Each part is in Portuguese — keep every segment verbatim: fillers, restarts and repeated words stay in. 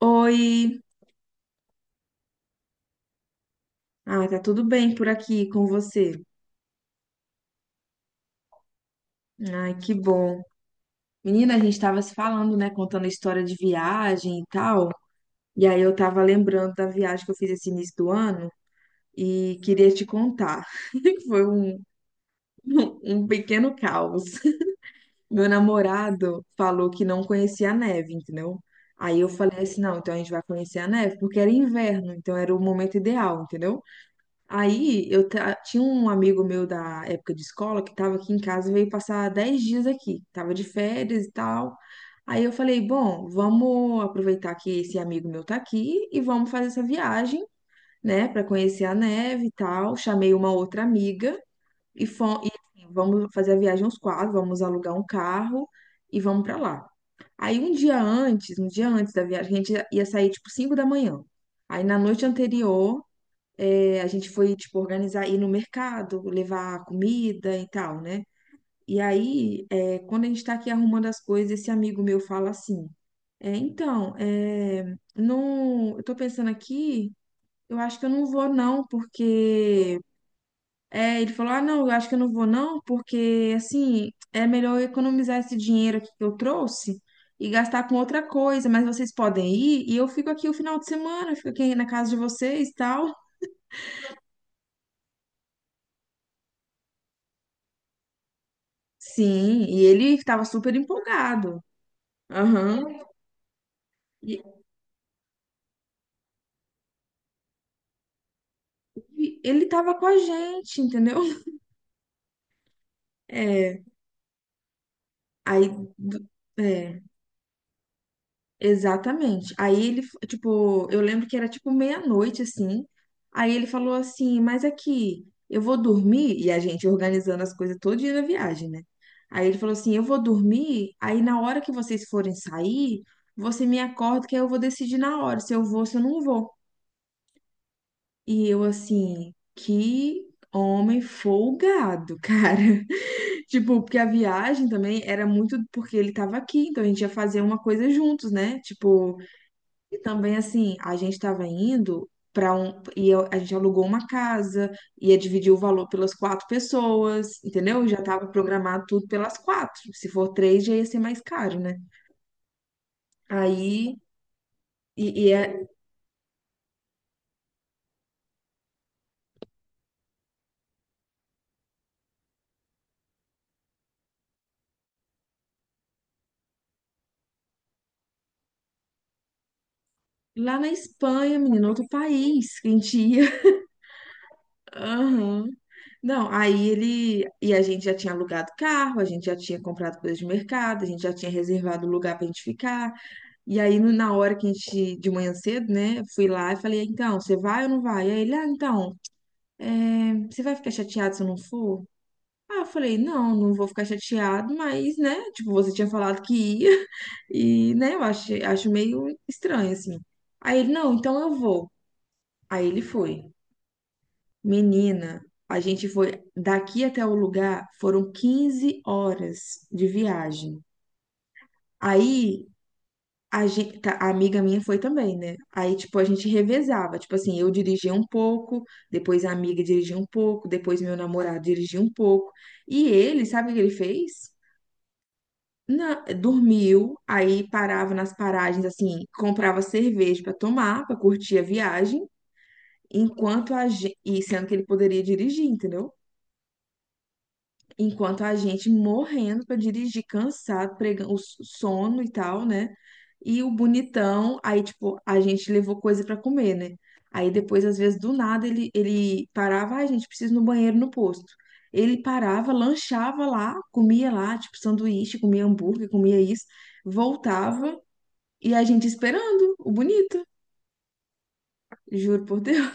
Oi, ah, tá tudo bem por aqui com você? Ai, que bom. Menina, a gente tava se falando, né, contando a história de viagem e tal, e aí eu tava lembrando da viagem que eu fiz esse início do ano e queria te contar. Foi um, um pequeno caos. Meu namorado falou que não conhecia a neve, entendeu? Aí eu falei assim, não, então a gente vai conhecer a neve, porque era inverno, então era o momento ideal, entendeu? Aí eu ta- tinha um amigo meu da época de escola que estava aqui em casa e veio passar dez dias aqui, tava de férias e tal. Aí eu falei, bom, vamos aproveitar que esse amigo meu tá aqui e vamos fazer essa viagem, né, para conhecer a neve e tal. Chamei uma outra amiga e, fo- e, assim, vamos fazer a viagem aos quatro, vamos alugar um carro e vamos para lá. Aí um dia antes, um dia antes da viagem, a gente ia sair tipo cinco da manhã. Aí na noite anterior é, a gente foi, tipo, organizar, ir no mercado, levar comida e tal, né? E aí, é, quando a gente tá aqui arrumando as coisas, esse amigo meu fala assim, é, então, é, não, eu tô pensando aqui, eu acho que eu não vou não, porque... É, ele falou, ah, não, eu acho que eu não vou não, porque, assim, é melhor eu economizar esse dinheiro aqui que eu trouxe e gastar com outra coisa, mas vocês podem ir e eu fico aqui o final de semana, eu fico aqui na casa de vocês e tal. Sim, e ele estava super empolgado. Aham. E e ele estava com a gente, entendeu? É, aí, do- é, exatamente. Aí ele, f- tipo, eu lembro que era tipo meia-noite, assim. Aí ele falou assim, mas aqui, eu vou dormir, e a gente organizando as coisas todo dia da viagem, né? Aí ele falou assim, eu vou dormir, aí na hora que vocês forem sair, você me acorda que aí eu vou decidir na hora se eu vou, se eu não vou. E eu assim, que homem folgado, cara. Tipo, porque a viagem também era muito porque ele tava aqui, então a gente ia fazer uma coisa juntos, né? Tipo, e também assim, a gente tava indo pra um e eu- a gente alugou uma casa, ia dividir o valor pelas quatro pessoas, entendeu? Já tava programado tudo pelas quatro. Se for três, já ia ser mais caro, né? Aí e, e é lá na Espanha, menino, outro país, que a gente ia. Aham. Não, aí ele. E a gente já tinha alugado carro, a gente já tinha comprado coisas de mercado, a gente já tinha reservado lugar pra gente ficar. E aí, no- na hora que a gente, de manhã cedo, né, fui lá e falei, "Ah, então, você vai ou não vai?" E aí ele, ah, então, você vai ficar chateado se eu não for? Ah, eu falei, não, não vou ficar chateado, mas, né, tipo, você tinha falado que ia, e, né, eu acho, acho meio estranho, assim. Aí ele, não, então eu vou. Aí ele foi. Menina, a gente foi daqui até o lugar, foram quinze horas de viagem. Aí a gente, a amiga minha foi também, né? Aí tipo a gente revezava, tipo assim, eu dirigia um pouco, depois a amiga dirigia um pouco, depois meu namorado dirigia um pouco. E ele, sabe o que ele fez? Na- dormiu, aí parava nas paragens assim, comprava cerveja pra tomar, pra curtir a viagem, enquanto a gente, e sendo que ele poderia dirigir, entendeu? Enquanto a gente morrendo pra dirigir, cansado, pregando o s- sono e tal, né? E o bonitão, aí, tipo, a gente levou coisa pra comer, né? Aí depois, às vezes, do nada, ele, ele parava, ah, gente, precisa ir no banheiro no posto. Ele parava, lanchava lá, comia lá, tipo, sanduíche, comia hambúrguer, comia isso, voltava e a gente esperando, o bonito, juro por Deus.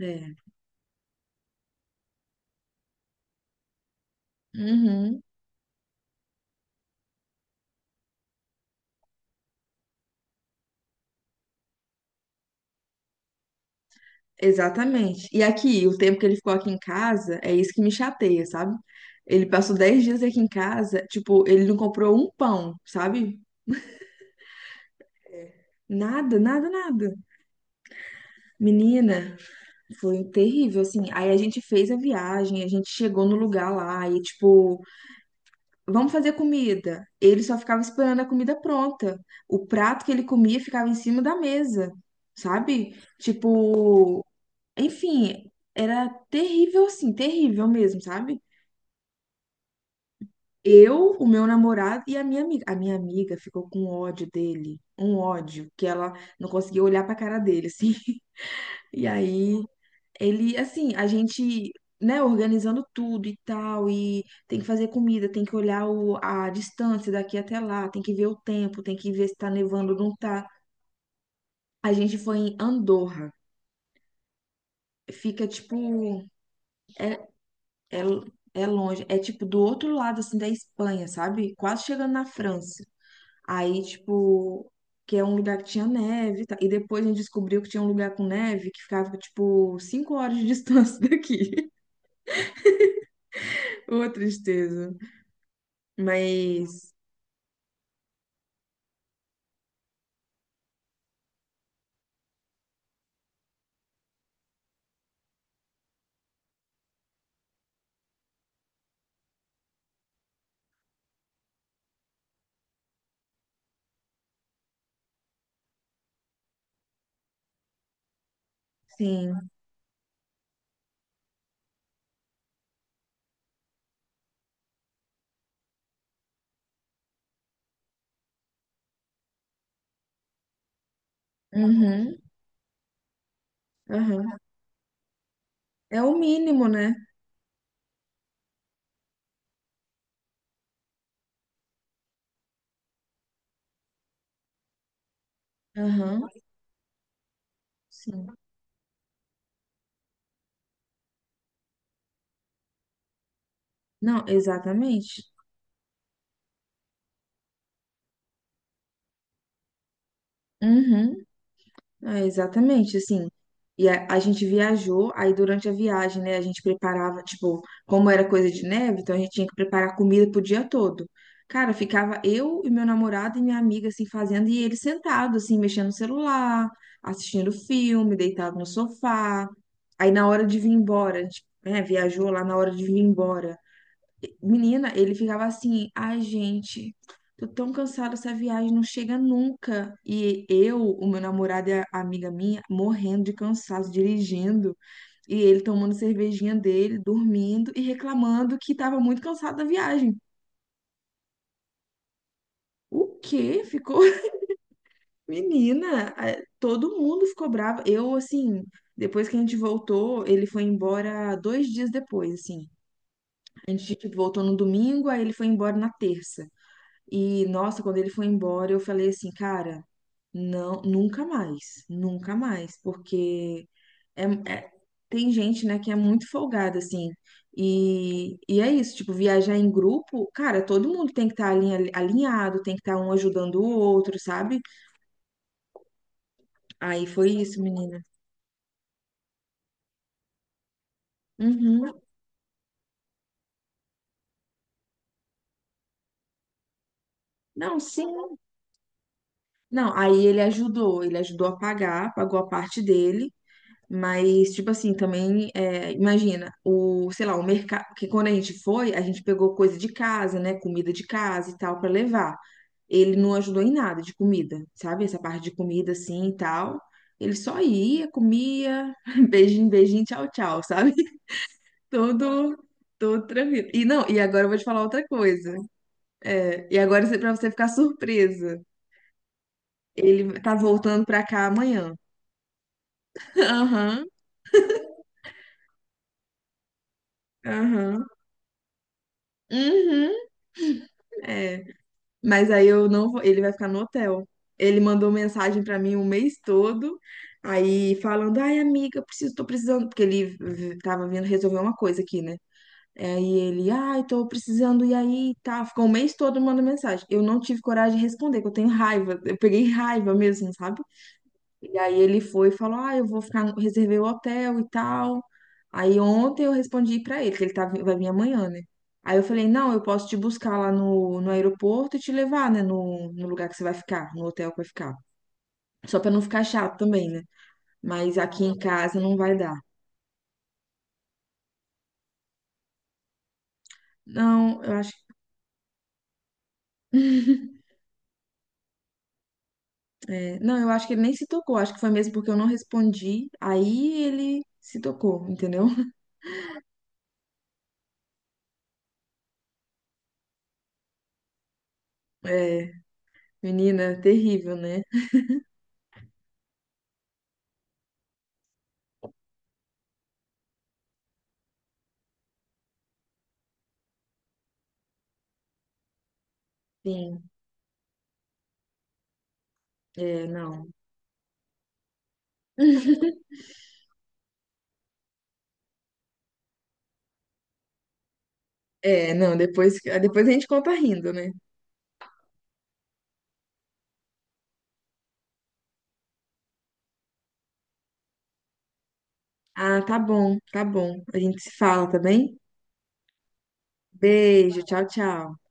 É. Uhum. Exatamente. E aqui, o tempo que ele ficou aqui em casa, é isso que me chateia, sabe? Ele passou dez dias aqui em casa, tipo, ele não comprou um pão, sabe? Nada, nada, nada. Menina, foi terrível, assim. Aí a gente fez a viagem, a gente chegou no lugar lá e, tipo, vamos fazer comida. Ele só ficava esperando a comida pronta. O prato que ele comia ficava em cima da mesa, sabe? Tipo, enfim, era terrível, assim, terrível mesmo, sabe? Eu, o meu namorado e a minha amiga. A minha amiga ficou com ódio dele, um ódio, que ela não conseguia olhar pra cara dele, assim. E aí, ele, assim, a gente, né, organizando tudo e tal, e tem que fazer comida, tem que olhar o- a distância daqui até lá, tem que ver o tempo, tem que ver se tá nevando ou não tá. A gente foi em Andorra. Fica, tipo, é, é, é longe, é tipo do outro lado, assim, da Espanha, sabe? Quase chegando na França. Aí, tipo, que é um lugar que tinha neve, e tal. E depois a gente descobriu que tinha um lugar com neve que ficava, tipo, cinco horas de distância daqui. Ô, tristeza. Mas, sim. Uhum, uhum. É o mínimo, né? Aham, sim. Não, exatamente. Uhum. É, exatamente, assim. E a, a gente viajou, aí durante a viagem, né, a gente preparava, tipo, como era coisa de neve, então a gente tinha que preparar comida pro dia todo. Cara, ficava eu e meu namorado e minha amiga, assim, fazendo, e ele sentado, assim, mexendo no celular, assistindo filme, deitado no sofá. Aí na hora de vir embora, a gente, né, viajou lá na hora de vir embora. Menina, ele ficava assim, ai, gente, tô tão cansado dessa viagem, não chega nunca. E eu, o meu namorado e a amiga minha, morrendo de cansaço, dirigindo, e ele tomando cervejinha dele, dormindo e reclamando que tava muito cansado da viagem. O quê? Ficou. Menina, eh, todo mundo ficou bravo. Eu, assim, depois que a gente voltou, ele foi embora dois dias depois, assim. A gente, tipo, voltou no domingo, aí ele foi embora na terça. E, nossa, quando ele foi embora, eu falei assim, cara, não, nunca mais, nunca mais, porque é, é- tem gente, né, que é muito folgada, assim, e, e é isso, tipo, viajar em grupo, cara, todo mundo tem que estar alinhado, tem que estar um ajudando o outro, sabe? Aí foi isso, menina. Uhum. Não, sim. Não, aí ele ajudou, ele ajudou a pagar, pagou a parte dele. Mas, tipo assim, também, é, imagina, o, sei lá, o mercado, que quando a gente foi, a gente pegou coisa de casa, né, comida de casa e tal, pra levar. Ele não ajudou em nada de comida, sabe? Essa parte de comida assim e tal. Ele só ia, comia, beijinho, beijinho, tchau, tchau, sabe? Todo, todo tranquilo. E não, e agora eu vou te falar outra coisa. É, e agora você- pra você ficar surpresa, ele tá voltando pra cá amanhã. Aham, aham. Uhum, é. Mas aí eu não vou, ele vai ficar no hotel. Ele mandou mensagem pra mim o mês todo, aí falando: "Ai, amiga, preciso, tô precisando", porque ele v- tava vindo resolver uma coisa aqui, né? É, aí ele: "Ai, tô precisando e aí, tá". Ficou o mês todo mandando mensagem. Eu não tive coragem de responder, que eu tenho raiva. Eu peguei raiva mesmo, sabe? E aí ele foi e falou: "Ah, eu vou ficar, reservei o hotel e tal". Aí ontem eu respondi pra ele que ele tá, vi- vai vir amanhã, né? Aí eu falei: "Não, eu posso te buscar lá no, no aeroporto e te levar, né, no, no lugar que você vai ficar, no hotel que vai ficar". Só pra não ficar chato também, né? Mas aqui em casa não vai dar. Não, eu acho. É, não, eu acho que ele nem se tocou, acho que foi mesmo porque eu não respondi, aí ele se tocou, entendeu? É, menina, terrível, né? Sim, é, não. É, não, depois, depois a gente conta rindo, né? Ah, tá bom, tá bom. A gente se fala, tá bem? Beijo, tchau, tchau.